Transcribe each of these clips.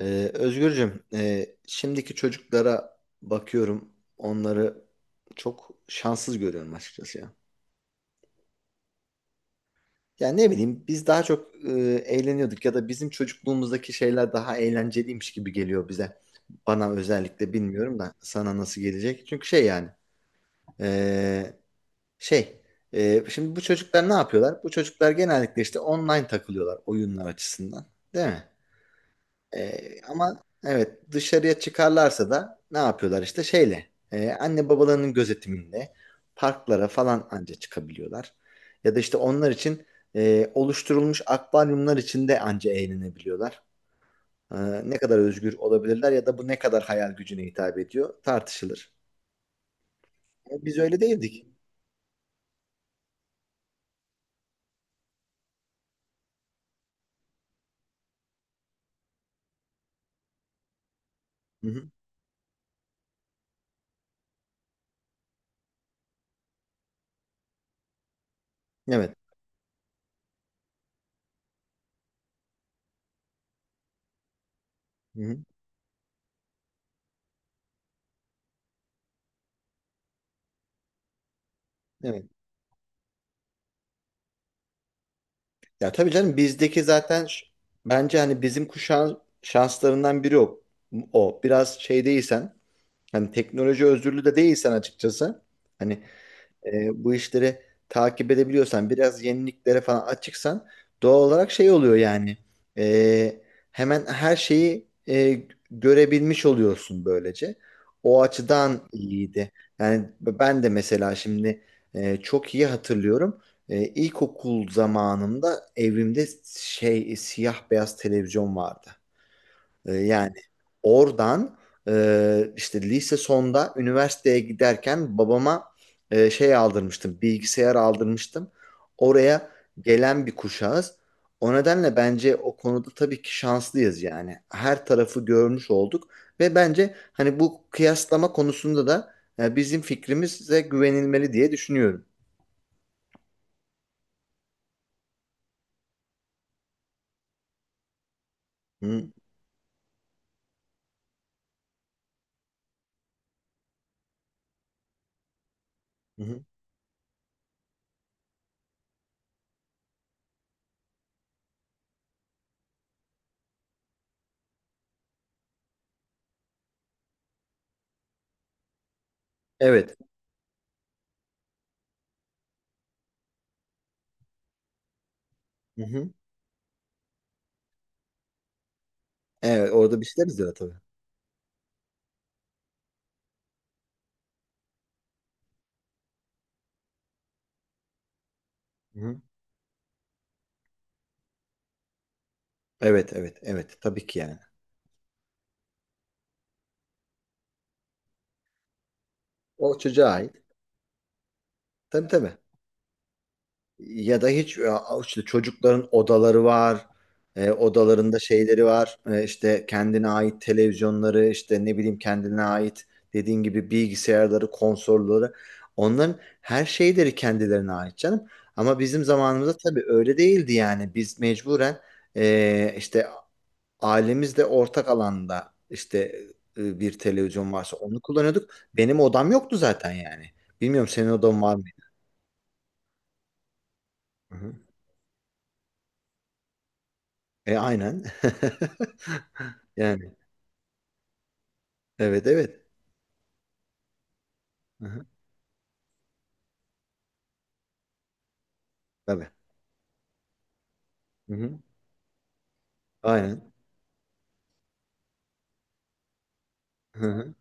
Özgürcüm, şimdiki çocuklara bakıyorum, onları çok şanssız görüyorum açıkçası ya. Yani ne bileyim, biz daha çok eğleniyorduk ya da bizim çocukluğumuzdaki şeyler daha eğlenceliymiş gibi geliyor bize. Bana özellikle bilmiyorum da sana nasıl gelecek. Çünkü şey yani, e, şey, şimdi bu çocuklar ne yapıyorlar? Bu çocuklar genellikle işte online takılıyorlar oyunlar açısından, değil mi? Ama evet dışarıya çıkarlarsa da ne yapıyorlar işte şeyle anne babalarının gözetiminde parklara falan anca çıkabiliyorlar. Ya da işte onlar için oluşturulmuş akvaryumlar içinde anca eğlenebiliyorlar. Ne kadar özgür olabilirler ya da bu ne kadar hayal gücüne hitap ediyor tartışılır. Ama biz öyle değildik. Hı hı. Evet. Hı hı. Evet. Ya tabii canım bizdeki zaten bence hani bizim kuşağın şanslarından biri o. O biraz şey değilsen, hani teknoloji özürlü de değilsen açıkçası. Hani bu işleri takip edebiliyorsan, biraz yeniliklere falan açıksan doğal olarak şey oluyor yani. E, hemen her şeyi görebilmiş oluyorsun böylece. O açıdan iyiydi. Yani ben de mesela şimdi çok iyi hatırlıyorum. İlkokul zamanımda evimde şey siyah beyaz televizyon vardı. Yani oradan işte lise sonda üniversiteye giderken babama şey aldırmıştım, bilgisayar aldırmıştım. Oraya gelen bir kuşağız. O nedenle bence o konuda tabii ki şanslıyız yani. Her tarafı görmüş olduk ve bence hani bu kıyaslama konusunda da bizim fikrimize güvenilmeli diye düşünüyorum. Hı hı. Hı. Evet. Hı hı. Evet, orada bir şeyler izliyor tabii. Hı hı. Evet, evet, evet. Tabii ki yani. O çocuğa ait. Tabii tabii. Ya da hiç ya işte çocukların odaları var. E, odalarında şeyleri var. E, işte kendine ait televizyonları, işte ne bileyim kendine ait dediğin gibi bilgisayarları, konsolları. Onların her şeyleri kendilerine ait canım. Ama bizim zamanımızda tabii öyle değildi yani. Biz mecburen işte ailemizle ortak alanda işte bir televizyon varsa onu kullanıyorduk. Benim odam yoktu zaten yani. Bilmiyorum senin odan var mı? E aynen. Yani evet evet. Hı-hı. Tabii. Hı-hı. Aynen. Hı-hı.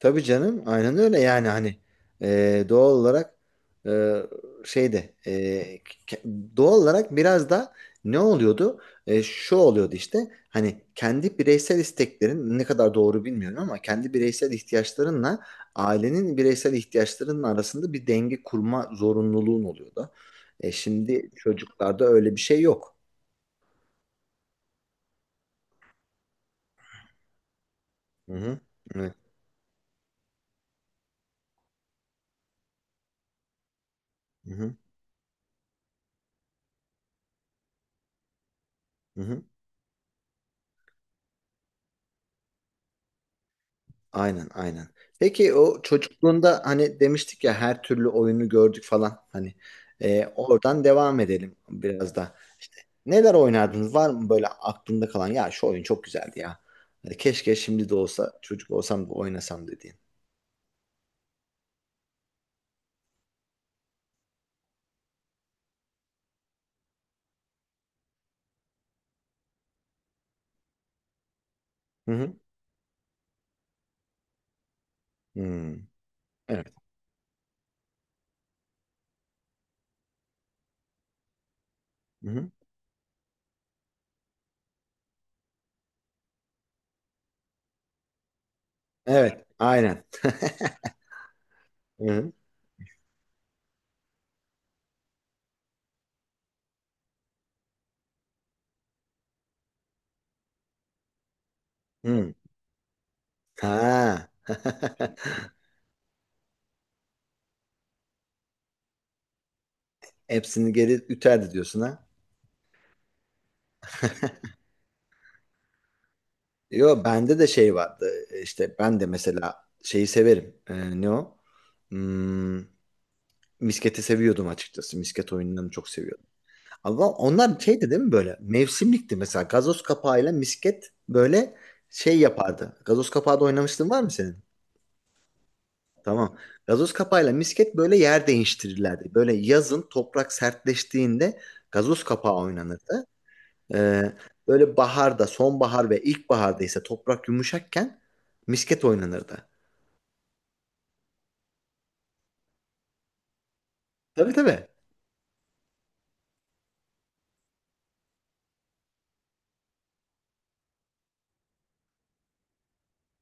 Tabii canım aynen öyle yani hani doğal olarak e, şeyde e, doğal olarak biraz da ne oluyordu? Şu oluyordu işte hani kendi bireysel isteklerin ne kadar doğru bilmiyorum ama kendi bireysel ihtiyaçlarınla ailenin bireysel ihtiyaçlarının arasında bir denge kurma zorunluluğun oluyordu. Şimdi çocuklarda öyle bir şey yok. Hı hı. Evet. Hı hı. Hı hı. Aynen, aynen. Peki o çocukluğunda hani demiştik ya her türlü oyunu gördük falan. Hani oradan devam edelim biraz da. Neler oynardınız? Var mı böyle aklında kalan ya şu oyun çok güzeldi ya. Hani keşke şimdi de olsa çocuk olsam da oynasam dediğin. Hı hı. Hmm. Evet. Hı hı. Evet, aynen. Hı hı. Hı. Ha. Hepsini geri üterdi diyorsun ha. Yo bende de şey vardı. E, İşte ben de mesela şeyi severim. Ne o? Hmm, misketi seviyordum açıkçası. Misket oyunlarını çok seviyordum. Ama onlar şeydi değil mi böyle? Mevsimlikti mesela. Gazoz kapağıyla misket böyle şey yapardı. Gazoz kapağı da oynamıştın var mı senin? Tamam. Gazoz kapağıyla misket böyle yer değiştirirlerdi. Böyle yazın toprak sertleştiğinde gazoz kapağı oynanırdı. Ee, böyle baharda, sonbahar ve ilkbaharda ise toprak yumuşakken misket oynanırdı. Tabii tabii.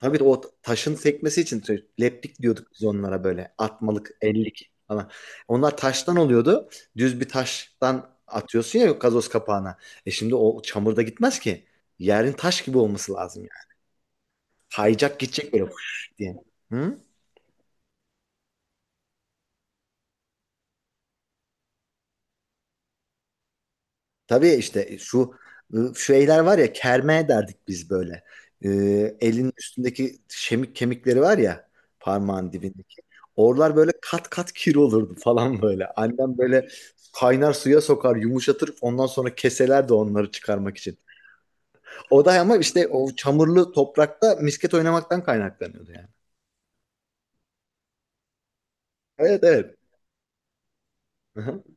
Tabii o taşın sekmesi için leplik diyorduk biz onlara böyle. Atmalık, ellik falan. Onlar taştan oluyordu. Düz bir taştan atıyorsun ya gazoz kapağına. E şimdi o çamurda gitmez ki. Yerin taş gibi olması lazım yani. Kayacak gidecek böyle fış diye. Hı? Tabii işte şu şeyler var ya kerme derdik biz böyle. Ee, elin üstündeki şemik kemikleri var ya parmağın dibindeki. Oralar böyle kat kat kir olurdu falan böyle. Annem böyle kaynar suya sokar, yumuşatır. Ondan sonra keselerdi onları çıkarmak için. O da ama işte o çamurlu toprakta misket oynamaktan kaynaklanıyordu yani. Evet evet.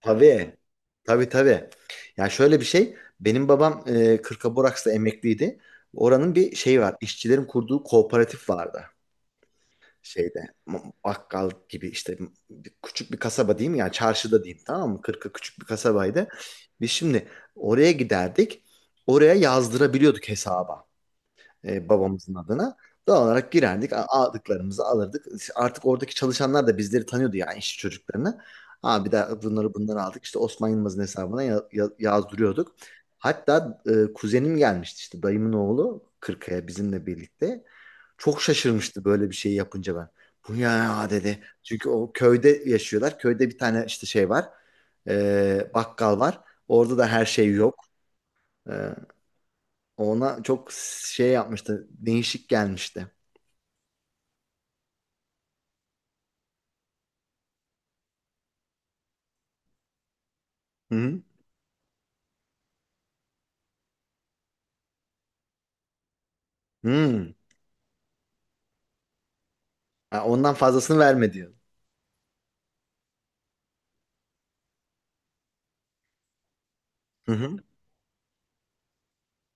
Tabii. Tabii tabii. Ya şöyle bir şey. Benim babam Kırkaburaks'ta emekliydi. Oranın bir şeyi var. İşçilerin kurduğu kooperatif vardı. Şeyde bakkal gibi işte küçük bir kasaba diyeyim yani çarşıda diyeyim tamam mı? Kırka küçük bir kasabaydı. Biz şimdi oraya giderdik. Oraya yazdırabiliyorduk hesaba babamızın adına. Doğal olarak girerdik, aldıklarımızı alırdık. Artık oradaki çalışanlar da bizleri tanıyordu yani işçi çocuklarını. Abi de bunları aldık. İşte Osman Yılmaz'ın hesabına yazdırıyorduk. Hatta kuzenim gelmişti işte dayımın oğlu Kırkaya bizimle birlikte. Çok şaşırmıştı böyle bir şey yapınca ben. Bu ya dedi. Çünkü o köyde yaşıyorlar. Köyde bir tane işte şey var. E, bakkal var. Orada da her şey yok. E, ona çok şey yapmıştı. Değişik gelmişti. Hı hı. Hmm. Ha, ondan fazlasını verme diyor. Hı hı.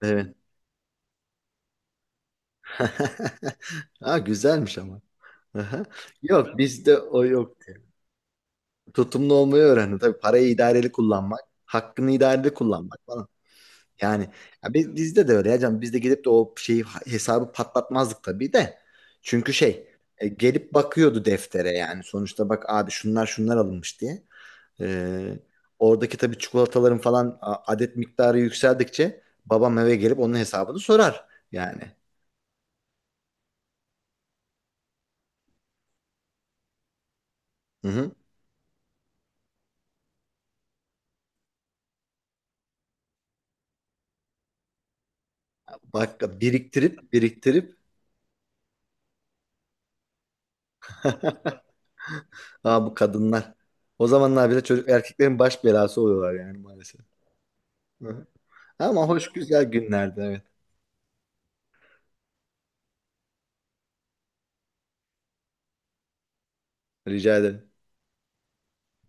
Evet. Ha, güzelmiş ama. Aha. Yok bizde o yoktu. Tutumlu olmayı öğrendim. Tabii parayı idareli kullanmak, hakkını idareli kullanmak falan. Yani ya biz, bizde de öyle ya canım. Biz de gidip de o şeyi hesabı patlatmazdık tabii de. Çünkü şey gelip bakıyordu deftere yani. Sonuçta bak abi şunlar şunlar alınmış diye. Ee, oradaki tabii çikolataların falan adet miktarı yükseldikçe babam eve gelip onun hesabını sorar yani. Hı hı. Bak biriktirip biriktirip ha bu kadınlar. O zamanlar bile çocuk erkeklerin baş belası oluyorlar yani maalesef. Hı hı. Ama hoş güzel günlerdi evet. Rica ederim.